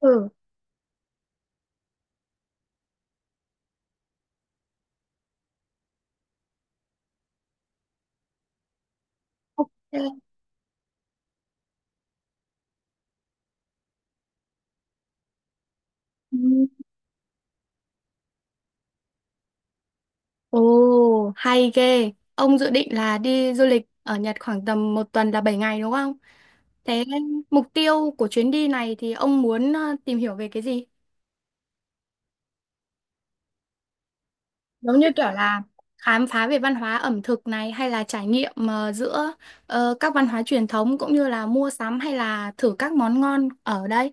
Ừ, ok. Ừ. Ồ, hay ghê. Ông dự định là đi du lịch ở Nhật khoảng tầm một tuần là 7 ngày đúng không? Thế mục tiêu của chuyến đi này thì ông muốn tìm hiểu về cái gì? Giống như kiểu là khám phá về văn hóa ẩm thực này hay là trải nghiệm giữa các văn hóa truyền thống cũng như là mua sắm hay là thử các món ngon ở đây.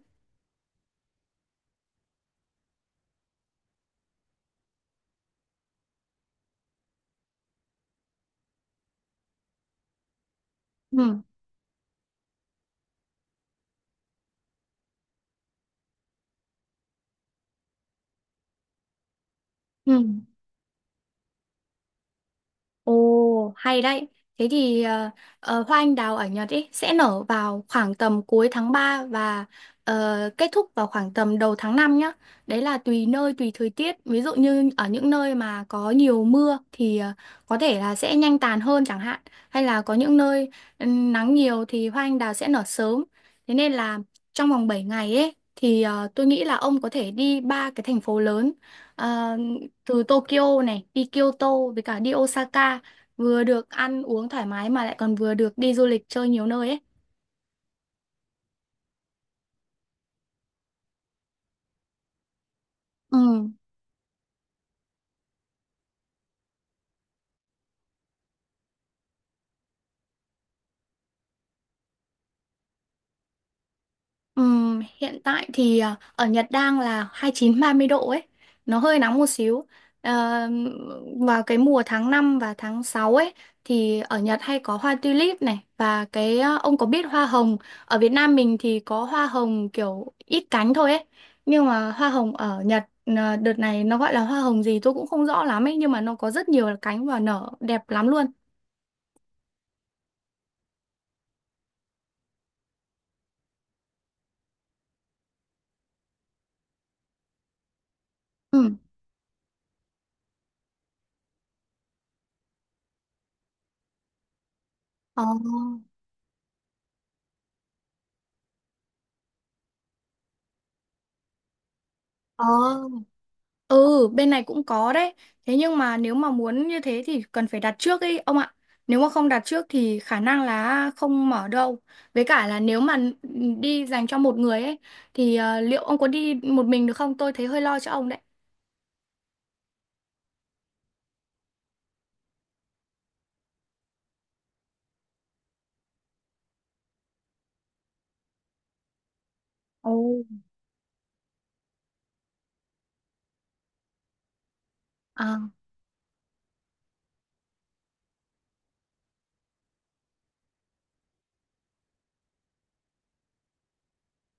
Ừ, ừ. Ồ, hay đấy. Thế thì hoa anh đào ở Nhật ý, sẽ nở vào khoảng tầm cuối tháng 3 và kết thúc vào khoảng tầm đầu tháng 5 nhá. Đấy là tùy nơi, tùy thời tiết. Ví dụ như ở những nơi mà có nhiều mưa thì có thể là sẽ nhanh tàn hơn chẳng hạn. Hay là có những nơi nắng nhiều thì hoa anh đào sẽ nở sớm. Thế nên là trong vòng 7 ngày ấy thì tôi nghĩ là ông có thể đi ba cái thành phố lớn. Ờ, từ Tokyo này đi Kyoto với cả đi Osaka, vừa được ăn uống thoải mái mà lại còn vừa được đi du lịch chơi nhiều nơi ấy. Ừ. Ừ. Hiện tại thì ở Nhật đang là 29-30 độ ấy, nó hơi nóng một xíu. Ờ, vào cái mùa tháng 5 và tháng 6 ấy thì ở Nhật hay có hoa tulip này, và cái ông có biết hoa hồng ở Việt Nam mình thì có hoa hồng kiểu ít cánh thôi ấy, nhưng mà hoa hồng ở Nhật đợt này nó gọi là hoa hồng gì tôi cũng không rõ lắm ấy, nhưng mà nó có rất nhiều cánh và nở đẹp lắm luôn. Ừ. Ờ. Ờ, ừ, bên này cũng có đấy. Thế nhưng mà nếu mà muốn như thế thì cần phải đặt trước ấy ông ạ. Nếu mà không đặt trước thì khả năng là không mở đâu. Với cả là nếu mà đi dành cho một người ấy thì liệu ông có đi một mình được không? Tôi thấy hơi lo cho ông đấy. Ồ. À.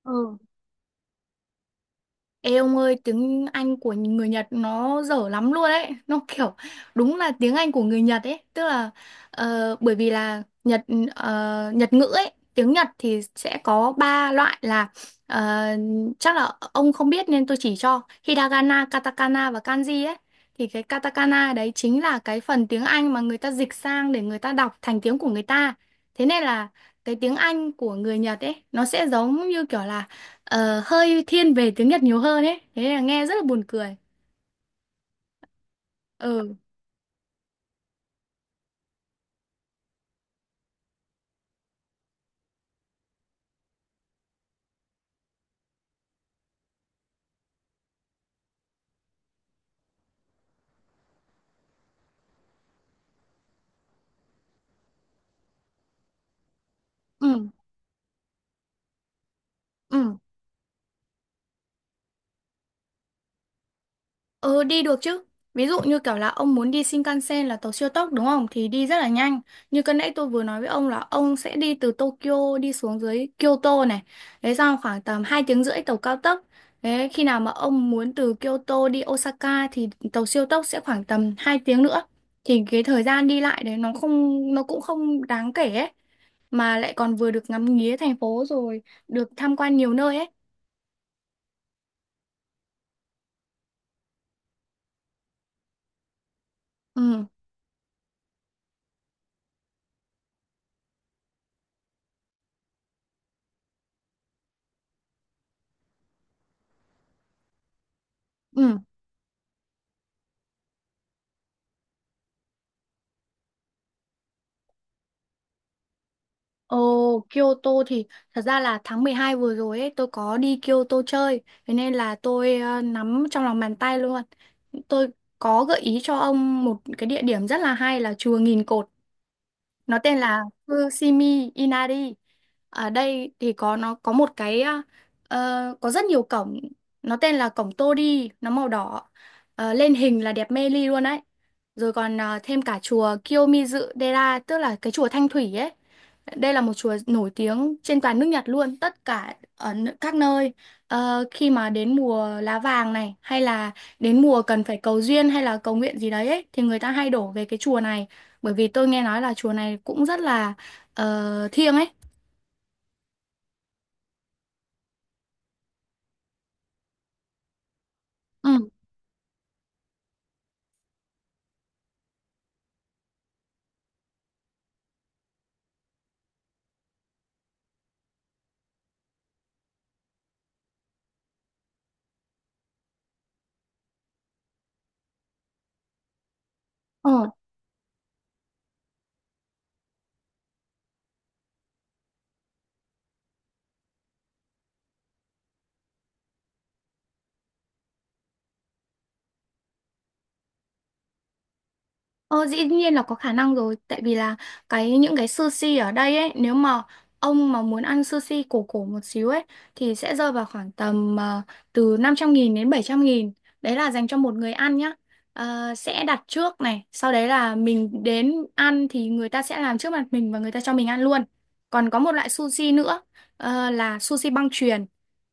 Ừ. Ê ông ơi, tiếng Anh của người Nhật nó dở lắm luôn ấy. Nó kiểu đúng là tiếng Anh của người Nhật ấy. Tức là bởi vì là Nhật ngữ ấy, tiếng Nhật thì sẽ có ba loại là ờ, chắc là ông không biết nên tôi chỉ cho Hiragana, Katakana và Kanji ấy. Thì cái Katakana đấy chính là cái phần tiếng Anh mà người ta dịch sang để người ta đọc thành tiếng của người ta. Thế nên là cái tiếng Anh của người Nhật ấy nó sẽ giống như kiểu là hơi thiên về tiếng Nhật nhiều hơn ấy, thế là nghe rất là buồn cười. Ừ, ừ, ừ, ừ, đi được chứ. Ví dụ như kiểu là ông muốn đi Shinkansen là tàu siêu tốc đúng không thì đi rất là nhanh. Như cái nãy tôi vừa nói với ông là ông sẽ đi từ Tokyo đi xuống dưới Kyoto này, đấy xong khoảng tầm 2 tiếng rưỡi tàu cao tốc. Đấy, khi nào mà ông muốn từ Kyoto đi Osaka thì tàu siêu tốc sẽ khoảng tầm 2 tiếng nữa, thì cái thời gian đi lại đấy nó cũng không đáng kể ấy, mà lại còn vừa được ngắm nghía thành phố rồi được tham quan nhiều nơi ấy. Ừ, ừ. Ồ, Kyoto thì thật ra là tháng 12 vừa rồi ấy tôi có đi Kyoto chơi, thế nên là tôi nắm trong lòng bàn tay luôn. Tôi có gợi ý cho ông một cái địa điểm rất là hay là chùa Nghìn Cột. Nó tên là Fushimi Inari. Ở đây thì có nó có một cái ờ, ờ, có rất nhiều cổng, nó tên là cổng Tori, nó màu đỏ. Lên hình là đẹp mê ly luôn đấy, rồi còn thêm cả chùa Kiyomizu Dera tức là cái chùa Thanh Thủy ấy, đây là một chùa nổi tiếng trên toàn nước Nhật luôn, tất cả ở các nơi. Khi mà đến mùa lá vàng này hay là đến mùa cần phải cầu duyên hay là cầu nguyện gì đấy ấy, thì người ta hay đổ về cái chùa này, bởi vì tôi nghe nói là chùa này cũng rất là thiêng ấy. Ừ. Ờ. Ờ, dĩ nhiên là có khả năng rồi, tại vì là những cái sushi ở đây ấy, nếu mà ông mà muốn ăn sushi cổ cổ một xíu ấy thì sẽ rơi vào khoảng tầm từ 500.000 đến 700.000, đấy là dành cho một người ăn nhá. Sẽ đặt trước này, sau đấy là mình đến ăn thì người ta sẽ làm trước mặt mình và người ta cho mình ăn luôn. Còn có một loại sushi nữa là sushi băng chuyền.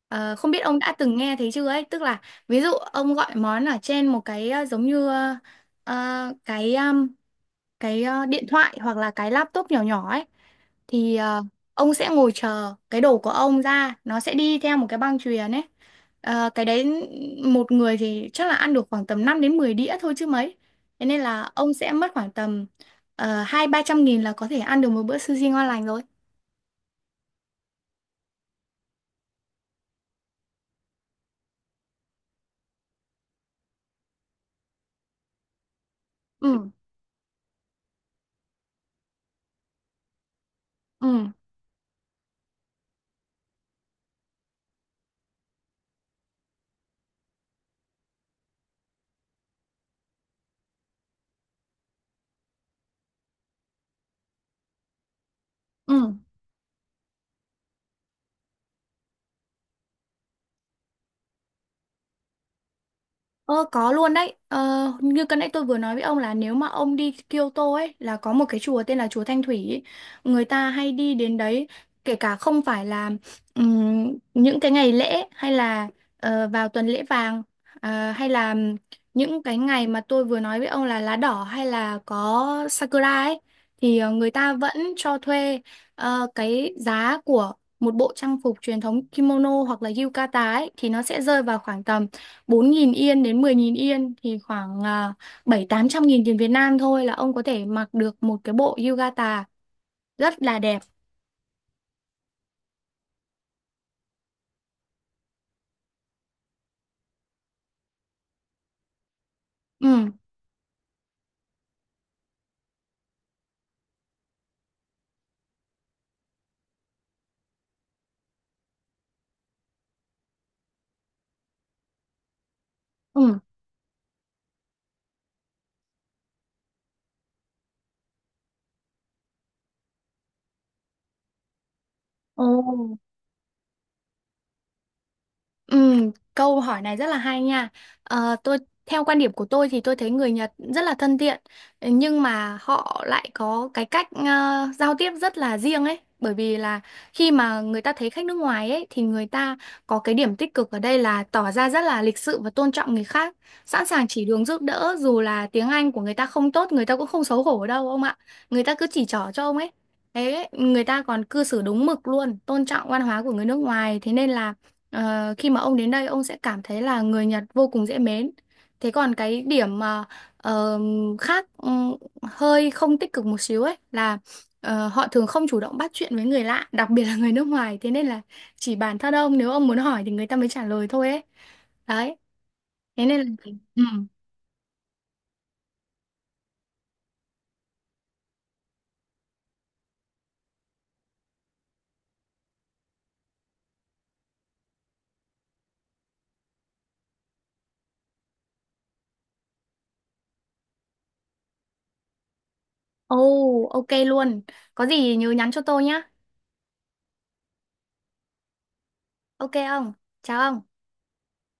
Không biết ông đã từng nghe thấy chưa ấy, tức là ví dụ ông gọi món ở trên một cái giống như ờ, À, cái điện thoại hoặc là cái laptop nhỏ nhỏ ấy, thì ông sẽ ngồi chờ cái đồ của ông ra, nó sẽ đi theo một cái băng chuyền ấy. Cái đấy một người thì chắc là ăn được khoảng tầm 5 đến 10 đĩa thôi chứ mấy, thế nên là ông sẽ mất khoảng tầm hai ba trăm nghìn là có thể ăn được một bữa sushi ngon lành rồi. Ừ, ừ, ừ. Ờ, có luôn đấy. Ờ, như cái nãy tôi vừa nói với ông là nếu mà ông đi Kyoto ấy là có một cái chùa tên là chùa Thanh Thủy ấy. Người ta hay đi đến đấy, kể cả không phải là những cái ngày lễ hay là vào tuần lễ vàng, hay là những cái ngày mà tôi vừa nói với ông là lá đỏ hay là có Sakura ấy, thì người ta vẫn cho thuê. Cái giá của một bộ trang phục truyền thống kimono hoặc là yukata ấy thì nó sẽ rơi vào khoảng tầm 4.000 yên đến 10.000 yên, thì khoảng bảy tám trăm nghìn tiền Việt Nam thôi là ông có thể mặc được một cái bộ yukata rất là đẹp. Ừ, ừ. Ồ. Ừ, câu hỏi này rất là hay nha. Ờ, theo quan điểm của tôi thì tôi thấy người Nhật rất là thân thiện, nhưng mà họ lại có cái cách giao tiếp rất là riêng ấy. Bởi vì là khi mà người ta thấy khách nước ngoài ấy thì người ta có cái điểm tích cực ở đây là tỏ ra rất là lịch sự và tôn trọng người khác, sẵn sàng chỉ đường giúp đỡ dù là tiếng Anh của người ta không tốt, người ta cũng không xấu hổ đâu ông ạ. Người ta cứ chỉ trỏ cho ông ấy. Thế người ta còn cư xử đúng mực luôn, tôn trọng văn hóa của người nước ngoài. Thế nên là khi mà ông đến đây ông sẽ cảm thấy là người Nhật vô cùng dễ mến. Thế còn cái điểm mà ờ, khác hơi không tích cực một xíu ấy là họ thường không chủ động bắt chuyện với người lạ, đặc biệt là người nước ngoài. Thế nên là chỉ bản thân ông nếu ông muốn hỏi thì người ta mới trả lời thôi ấy. Đấy. Thế nên là ừ. Oh, ok luôn. Có gì nhớ nhắn cho tôi nhá. Ok ông. Chào ông.